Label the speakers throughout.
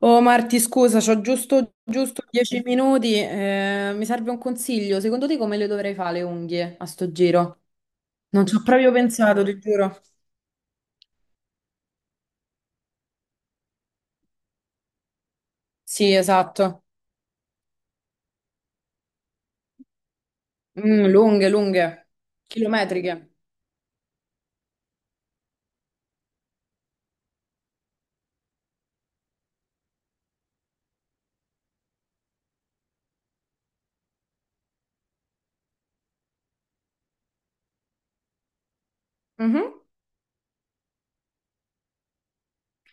Speaker 1: Oh Marti, scusa, c'ho giusto, giusto 10 minuti. Mi serve un consiglio. Secondo te come le dovrei fare le unghie a sto giro? Non ci ho proprio pensato, ti giuro. Sì, esatto. Lunghe, lunghe, chilometriche. Mhm.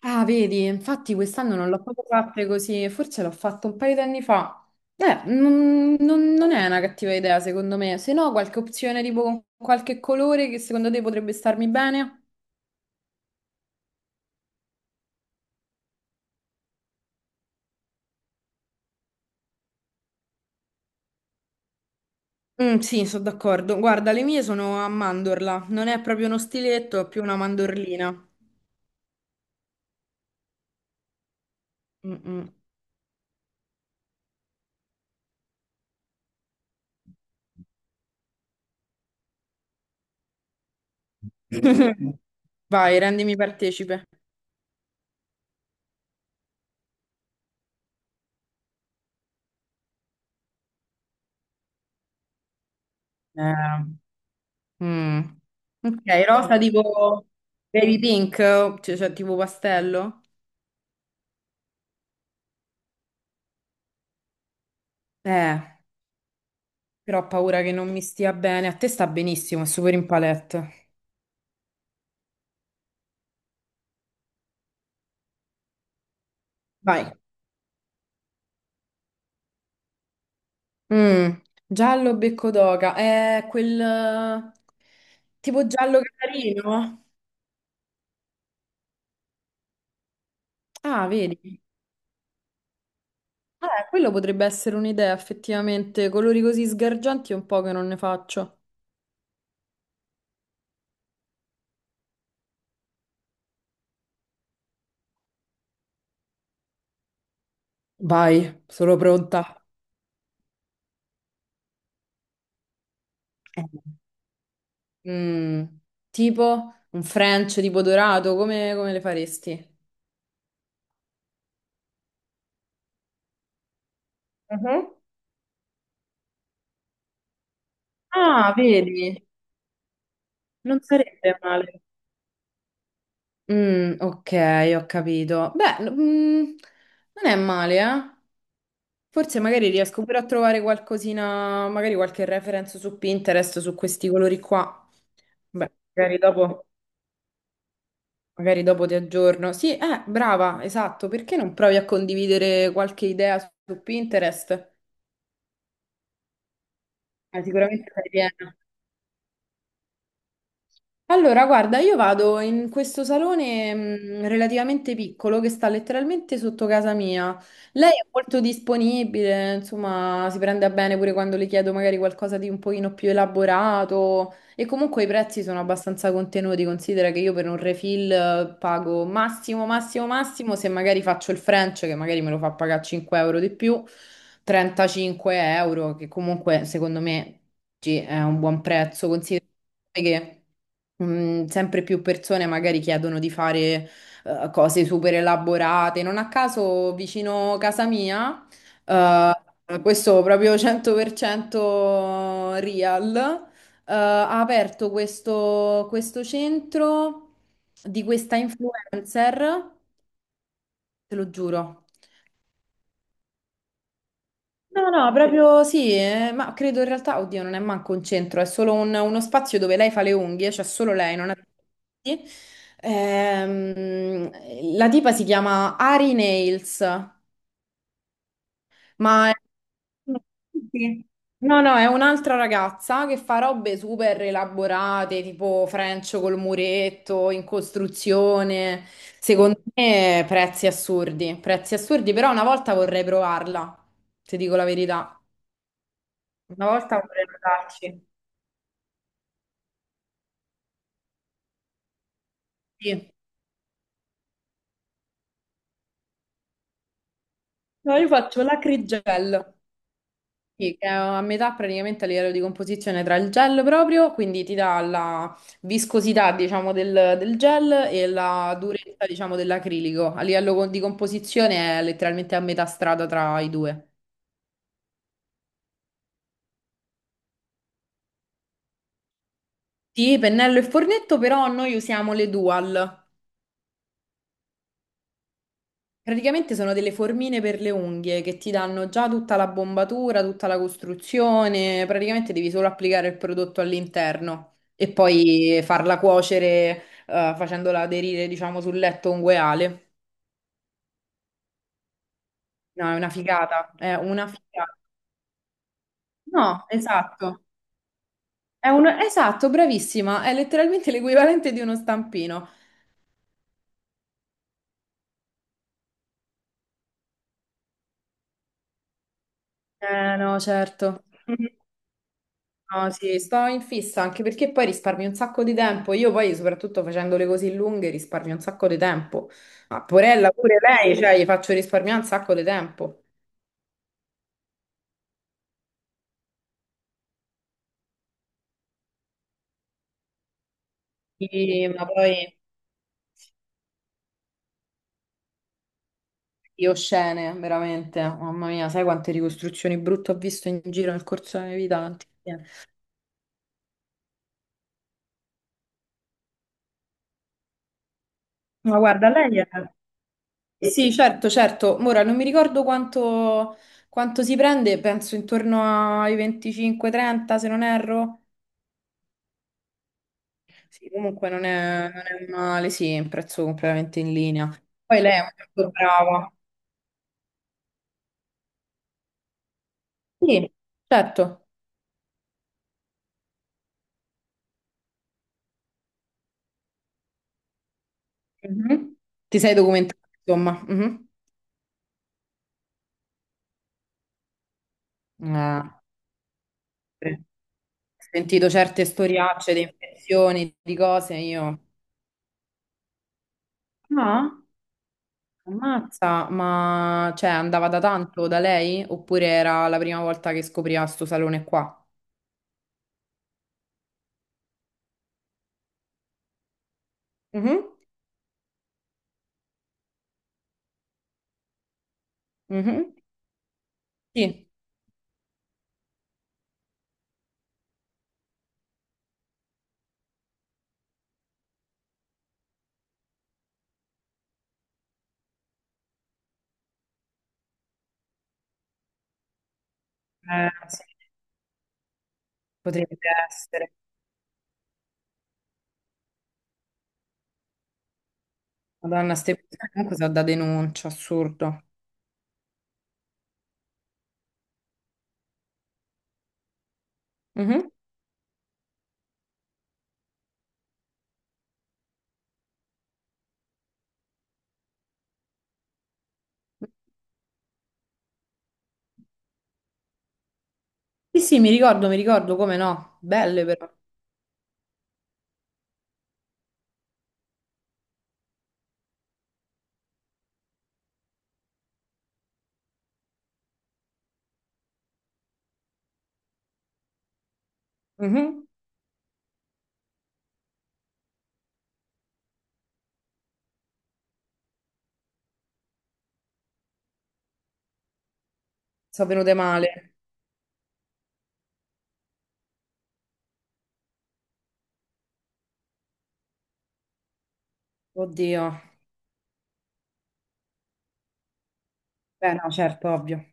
Speaker 1: Ah, vedi, infatti quest'anno non l'ho proprio fatte così, forse l'ho fatto un paio di anni fa. Non è una cattiva idea, secondo me. Se no, qualche opzione tipo con qualche colore che secondo te potrebbe starmi bene? Mm, sì, sono d'accordo. Guarda, le mie sono a mandorla, non è proprio uno stiletto, è più una mandorlina. Mm, mm. Vai, rendimi partecipe. Eh, mm. Ok, rosa tipo baby pink, cioè tipo pastello. Eh, però ho paura che non mi stia bene. A te sta benissimo, è super in palette. Vai. Mm, Giallo becco d'oca, è quel tipo giallo carino. Ah, vedi. Quello potrebbe essere un'idea, effettivamente. Colori così sgargianti è un po' che non ne faccio. Vai, sono pronta. Eh. Mm, tipo un French tipo dorato, come le faresti? Mhm. Ah, vedi, non sarebbe male. Mm, ok, ho capito. Beh, non è male, eh? Forse magari riesco pure a trovare qualcosina, magari qualche reference su Pinterest su questi colori qua. Beh, magari dopo. Magari dopo ti aggiorno. Sì, brava, esatto. Perché non provi a condividere qualche idea su Pinterest? Sicuramente fai piena. Allora, guarda, io vado in questo salone relativamente piccolo che sta letteralmente sotto casa mia. Lei è molto disponibile, insomma, si prende a bene pure quando le chiedo magari qualcosa di un pochino più elaborato e comunque i prezzi sono abbastanza contenuti. Considera che io per un refill pago massimo, massimo, massimo, se magari faccio il French, che magari me lo fa pagare 5 euro di più, 35 euro, che comunque secondo me. Sì, è un buon prezzo, considera che sempre più persone magari chiedono di fare cose super elaborate. Non a caso, vicino casa mia, eh, questo proprio 100% real, ha aperto questo centro di questa influencer, te lo giuro. No, no, no, proprio sì, ma credo in realtà, oddio, non è manco un centro, è solo uno spazio dove lei fa le unghie, cioè solo lei, non ha. Sì. Ehm, la tipa si chiama Ari Nails, ma è. Sì. No, no, è un'altra ragazza che fa robe super elaborate, tipo French col muretto, in costruzione, secondo me prezzi assurdi, però una volta vorrei provarla, se dico la verità. Una volta vorrei andarci. Sì, no, io faccio l'acrigel. Sì, che è a metà praticamente a livello di composizione tra il gel proprio, quindi ti dà la viscosità, diciamo, del gel e la durezza, diciamo, dell'acrilico. A livello di composizione è letteralmente a metà strada tra i due. Sì, pennello e fornetto, però noi usiamo le Dual. Praticamente sono delle formine per le unghie che ti danno già tutta la bombatura, tutta la costruzione, praticamente devi solo applicare il prodotto all'interno e poi farla cuocere, facendola aderire, diciamo, sul letto ungueale. No, è una figata, è una figata. No, esatto. È un. Esatto, bravissima, è letteralmente l'equivalente di uno stampino. Eh no, certo. No, sì, sto in fissa anche perché poi risparmi un sacco di tempo. Io poi, soprattutto facendole così lunghe, risparmio un sacco di tempo. Ma Porella pure lei, cioè, gli faccio risparmiare un sacco di tempo. Sì, ma poi io scene, veramente. Mamma mia, sai quante ricostruzioni brutte ho visto in giro nel corso della mia vita? Ma guarda, lei è. Sì, certo, certo. Ora non mi ricordo quanto si prende, penso intorno ai 25-30, se non erro. Sì, comunque non è male, sì, è un prezzo completamente in linea. Poi lei è molto brava. Sì, certo. Mhm. Ti sei documentato, insomma. Mhm. Ah, sì. Ho sentito certe storiacce di infezioni, di cose, io. Ah, ammazza, ma cioè andava da tanto da lei? Oppure era la prima volta che scopriva sto salone qua? Mhm. Mhm. Sì. Sì, potrebbe essere. Madonna, ste persone comunque sono da denuncia, assurdo. Mhm. Sì, sì, mi ricordo, come no. Belle però. Mhm. Sono venute male. Oddio. Beh, no, certo, ovvio.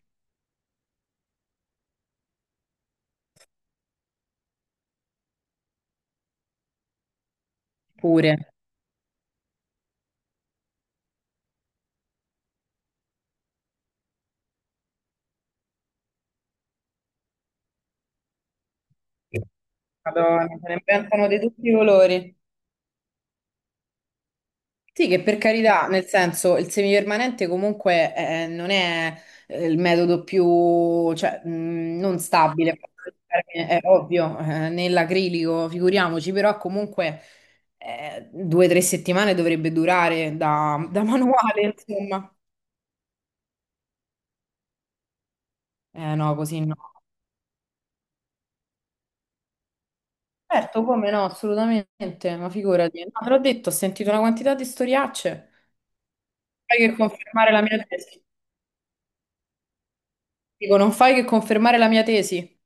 Speaker 1: Pure. Madonna, se ne inventano di tutti i colori. Sì, che per carità, nel senso, il semipermanente comunque non è il metodo più, cioè, non stabile, è ovvio, nell'acrilico, figuriamoci, però comunque 2 o 3 settimane dovrebbe durare da, da manuale, insomma. Eh no, così no. Certo, come no, assolutamente, ma figurati. No, te l'ho detto, ho sentito una quantità di storiacce. Fai che confermare la mia tesi. Dico, non fai che confermare la mia tesi.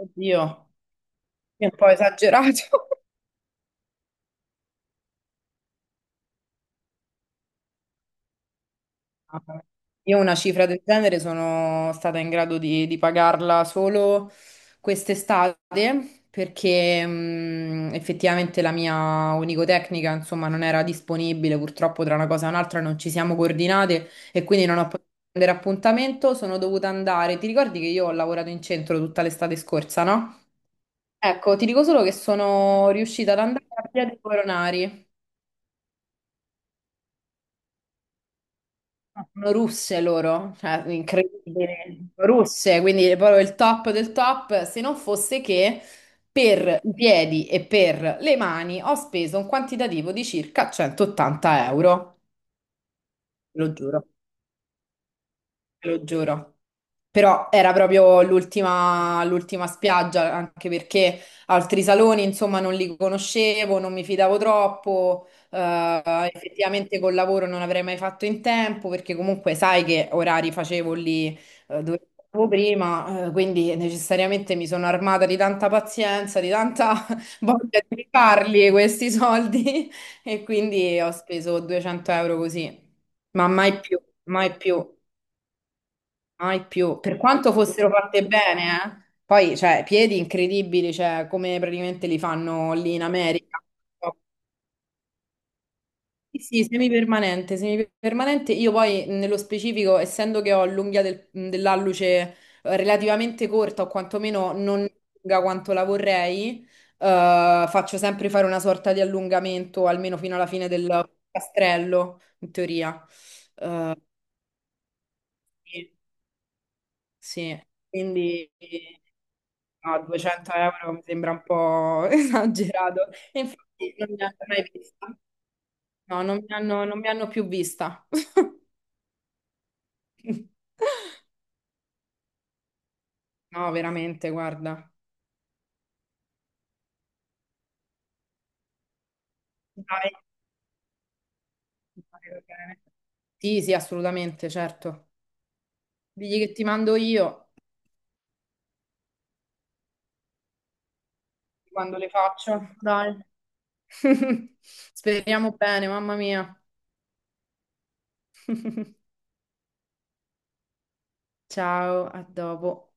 Speaker 1: Oddio. È un po' esagerato. Ah, io una cifra del genere sono stata in grado di pagarla solo quest'estate perché effettivamente la mia onicotecnica, insomma, non era disponibile, purtroppo tra una cosa e un'altra non ci siamo coordinate e quindi non ho potuto prendere appuntamento, sono dovuta andare. Ti ricordi che io ho lavorato in centro tutta l'estate scorsa, no? Ecco, ti dico solo che sono riuscita ad andare a Via dei Coronari. Sono russe loro, cioè incredibile, russe, quindi è proprio il top del top, se non fosse che per i piedi e per le mani ho speso un quantitativo di circa 180 euro, lo giuro te lo giuro. Però era proprio l'ultima l'ultima spiaggia, anche perché altri saloni, insomma, non li conoscevo, non mi fidavo troppo. Effettivamente col lavoro non avrei mai fatto in tempo, perché comunque sai che orari facevo lì, dove stavo prima, quindi necessariamente mi sono armata di tanta pazienza, di tanta voglia di farli questi soldi, e quindi ho speso 200 euro così, ma mai più, mai più. Mai più, per quanto fossero fatte bene, eh. Poi, cioè, piedi incredibili, cioè, come praticamente li fanno lì in America. Sì, sì, semipermanente, semipermanente. Io poi, nello specifico, essendo che ho l'unghia dell'alluce relativamente corta, o quantomeno non lunga quanto la vorrei, faccio sempre fare una sorta di allungamento, almeno fino alla fine del castrello, in teoria. Eh, sì. Sì, quindi no, 200 euro mi sembra un po' esagerato. E infatti non mi hanno mai vista. No, non mi hanno più vista. No, veramente, guarda. Dai. Dai, bene. Sì, sì, assolutamente, certo. Digli che ti mando io quando le faccio. Dai. Speriamo bene, mamma mia. Ciao, a dopo.